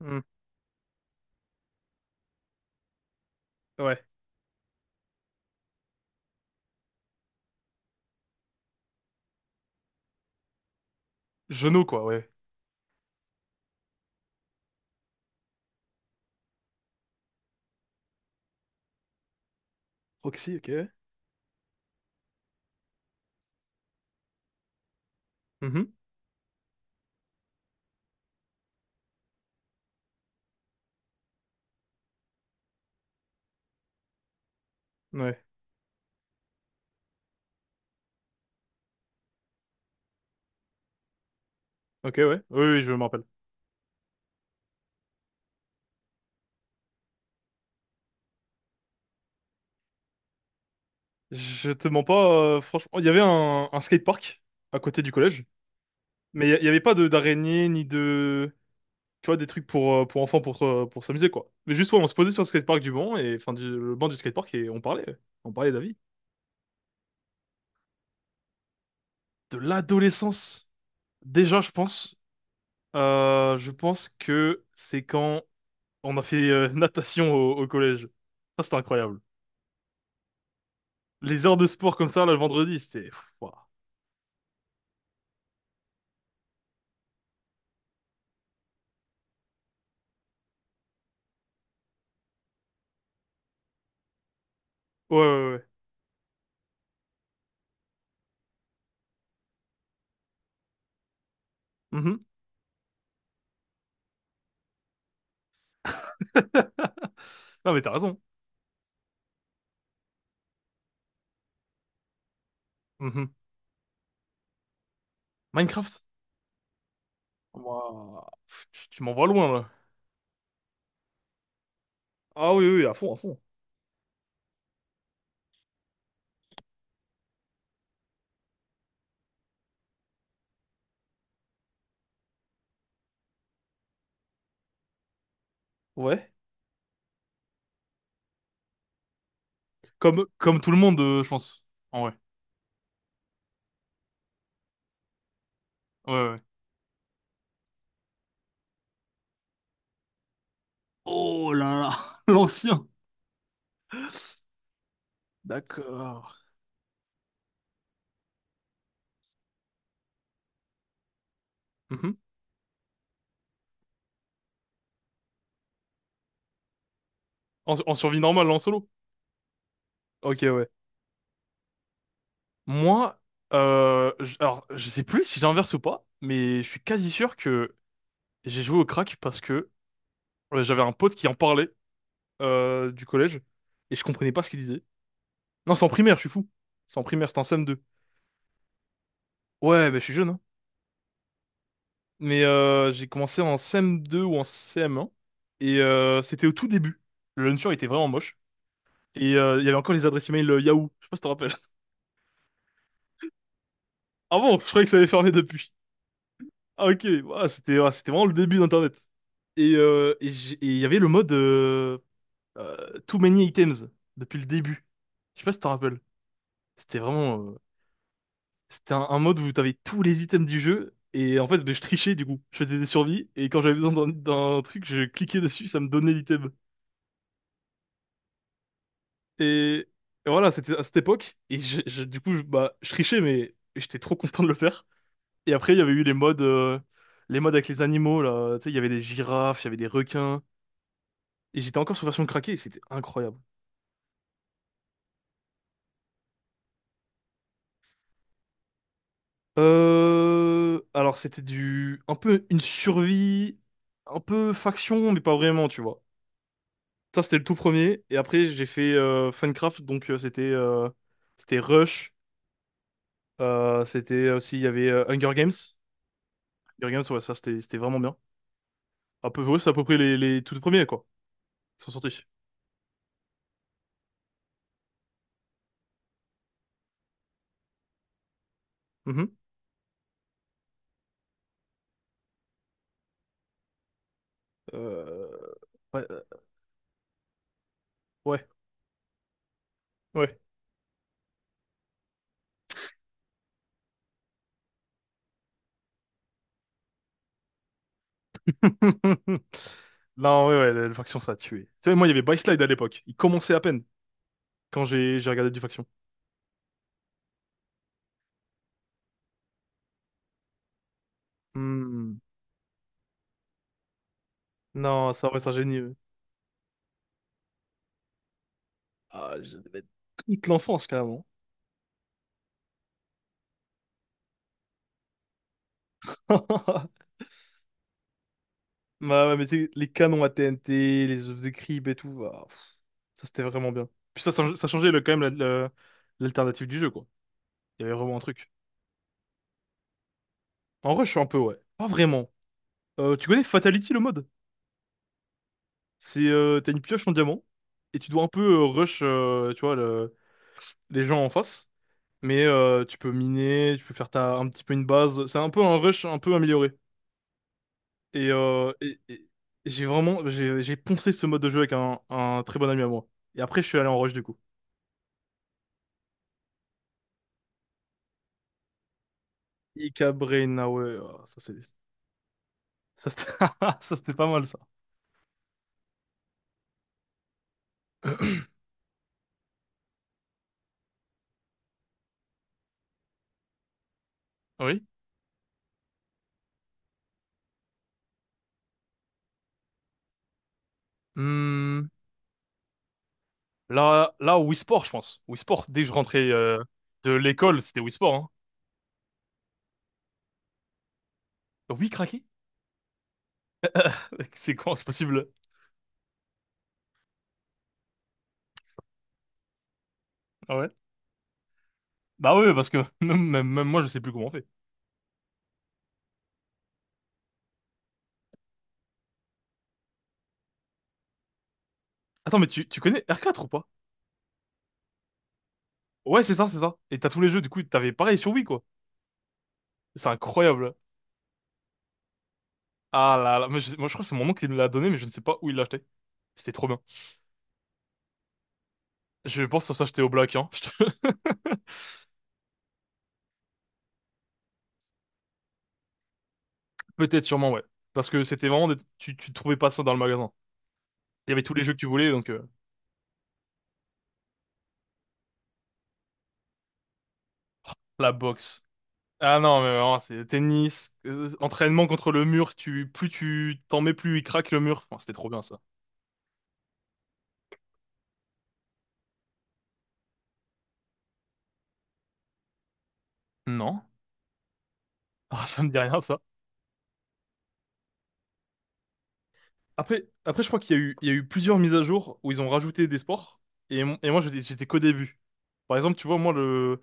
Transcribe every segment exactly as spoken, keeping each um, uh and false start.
Hmm, ouais. Genou, quoi, ouais. Proxy, ok. Mhm, ouais. Ok, ouais. Oui, oui, je me rappelle. Je te mens pas, euh, franchement. Il y avait un, un skatepark à côté du collège, mais il y il y avait pas de d'araignée ni de. Tu vois, des trucs pour, euh, pour enfants pour, euh, pour s'amuser, quoi. Mais juste, ouais, on se posait sur le skatepark du banc, et, enfin, du, le banc du skatepark, et on parlait. Ouais. On parlait de la vie. De l'adolescence. Déjà, je pense. euh, je pense que c'est quand on a fait euh, natation au, au collège. Ça, c'était incroyable. Les heures de sport comme ça, là, le vendredi, c'était pff, ouah. Ouais, ouais, ouais. Mhm. Non, mais t'as raison. Mhm. Minecraft? Ouah. Pff, Tu, tu m'envoies loin, là. Ah oui, oui, à fond, à fond. Ouais. Comme, comme tout le monde, euh, je pense. En vrai. Ouais, ouais. Oh là là, l'ancien. D'accord. Mhm. En, en survie normale, en solo. Ok, ouais. Moi, euh, je- alors, je sais plus si j'inverse ou pas, mais je suis quasi sûr que j'ai joué au crack parce que euh, j'avais un pote qui en parlait euh, du collège et je comprenais pas ce qu'il disait. Non, c'est en primaire, je suis fou. C'est en primaire, c'était en C M deux. Ouais, bah, je suis jeune, hein. Mais euh, j'ai commencé en C M deux ou en C M un et euh, c'était au tout début. Le launcher était vraiment moche et euh, il y avait encore les adresses email euh, Yahoo. Je sais pas si tu te rappelles. Ah bon, je croyais que ça avait fermé depuis. Ah ok, ouais, c'était ouais, c'était vraiment le début d'Internet. Et euh, et j'ai- et il y avait le mode euh, euh, Too Many Items depuis le début. Je sais pas si tu te rappelles. C'était vraiment euh, C'était un, un mode où t'avais tous les items du jeu. Et en fait, ben, je trichais du coup. Je faisais des survies. Et quand j'avais besoin d'un d'un truc, je cliquais dessus, ça me donnait l'item. Et, et voilà, c'était à cette époque. Et je, je- du coup, je, bah, je trichais, mais j'étais trop content de le faire. Et après, il y avait eu les modes, euh, les modes avec les animaux, là. Tu sais, il y avait des girafes, il y avait des requins. Et j'étais encore sur version craquée et c'était incroyable. Euh... Alors, c'était du... un peu une survie, un peu faction, mais pas vraiment, tu vois. Ça, c'était le tout premier. Et après, j'ai fait euh, Funcraft, donc euh, c'était euh, c'était Rush. euh, c'était aussi, il y avait euh, Hunger Games. Hunger Games, ouais, ça, c'était c'était vraiment bien. À peu, ouais, c'est à peu près les, les tout premiers, quoi, qui sont sortis. Mhm. Euh, ouais, euh, ouais, ouais. Non, ouais, ouais, le, Faction, ça a tué. Tu sais, moi, il y avait Byslide à l'époque. Il commençait à peine quand j'ai j'ai regardé du Faction. Hmm. Non, ça, ouais, c'est un génie. Eux. Ah, je devais être toute l'enfance, carrément. Bah ouais, mais tu sais, les canons à T N T, les œufs de crib et tout, ah, pff, ça c'était vraiment bien. Puis ça, ça, ça changeait le, quand même la- la- l'alternative du jeu, quoi. Il y avait vraiment un truc. En rush, un peu, ouais. Pas vraiment. Euh, tu connais Fatality, le mode? C'est, euh, t'as une pioche en diamant, et tu dois un peu euh, rush, euh, tu vois, le- les gens en face. Mais euh, tu peux miner, tu peux faire ta, un petit peu une base. C'est un peu un rush un peu amélioré. Et, euh, et, et- et j'ai vraiment, j'ai j'ai poncé ce mode de jeu avec un, un très bon ami à moi. Et après, je suis allé en rush, du coup. Ika Brainaway, oh, ça c'est ça c'était ça, c'était pas mal ça. Oui. Hmm, là là Wii Sport je pense. Wii Sport dès que je rentrais euh, de l'école, c'était Wii Sport hein. Oui, craqué? C'est quoi, c'est possible? Ah ouais. Bah ouais, parce que même, même- même moi je sais plus comment on fait. Attends, mais tu, tu connais R quatre ou pas? Ouais, c'est ça, c'est ça. Et t'as tous les jeux, du coup, t'avais pareil sur Wii, quoi. C'est incroyable. Ah là là, moi je, moi, je crois que c'est mon oncle qui me l'a donné, mais je ne sais pas où il l'a acheté. C'était trop bien. Je pense que ça s'achetait au Black, hein. Peut-être sûrement, ouais. Parce que c'était vraiment des- tu tu trouvais pas ça dans le magasin. Il y avait tous les jeux que tu voulais donc euh, la boxe. Ah non, mais vraiment, c'est tennis, euh, entraînement contre le mur, tu plus tu t'en mets plus il craque le mur. Enfin, c'était trop bien ça. Non. Ah, ça me dit rien ça. Après après je crois qu'il y a eu il y a eu plusieurs mises à jour où ils ont rajouté des sports et mon- et moi j'étais j'étais qu'au début. Par exemple, tu vois moi le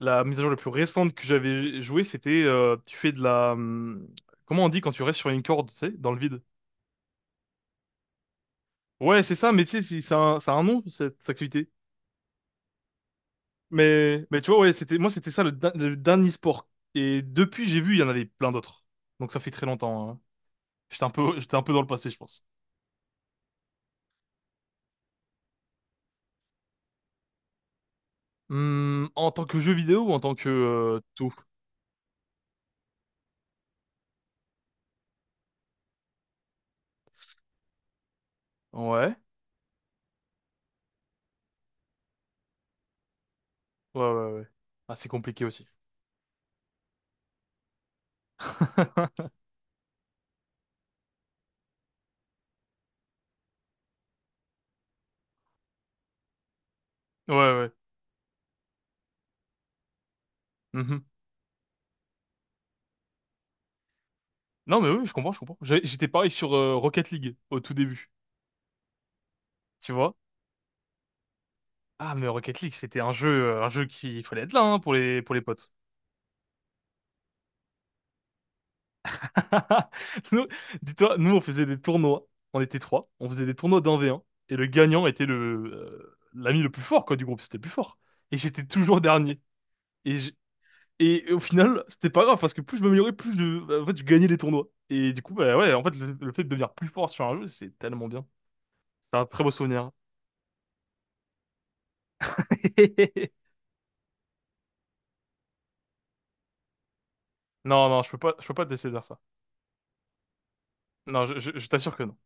la mise à jour la plus récente que j'avais jouée, c'était euh, tu fais de la hum, comment on dit quand tu restes sur une corde, tu sais, dans le vide? Ouais, c'est ça, mais tu sais, si- ça a un, ça a un nom, cette activité. Mais, mais tu vois, ouais, c'était, moi, c'était ça le, da- le dernier sport. Et depuis, j'ai vu, il y en avait plein d'autres. Donc ça fait très longtemps. Hein. J'étais un peu, j'étais un peu dans le passé, je pense. Hmm, en tant que jeu vidéo ou en tant que euh, tout? Ouais, ouais, ouais, ouais. Ah, c'est compliqué aussi. Ouais, ouais. Mhm. Non, mais oui, je comprends, je comprends. J'ai- J'étais pareil sur euh, Rocket League au tout début, tu vois? Ah, mais Rocket League, c'était un jeu, euh, un jeu qui, il fallait être là, hein, pour les, pour les potes. Nous, dis-toi, nous, on faisait des tournois. On était trois. On faisait des tournois d'un V un. Et le gagnant était le, euh, l'ami le plus fort, quoi, du groupe. C'était le plus fort. Et j'étais toujours dernier. Et, je- et au final, c'était pas grave parce que plus je, m'améliorais, plus je, bah, en fait, je gagnais les tournois. Et du coup, bah ouais, en fait, le, le fait de devenir plus fort sur un jeu, c'est tellement bien. C'est un très beau souvenir. Non, non, je peux pas, je peux pas te laisser dire ça. Non, je, je- je t'assure que non.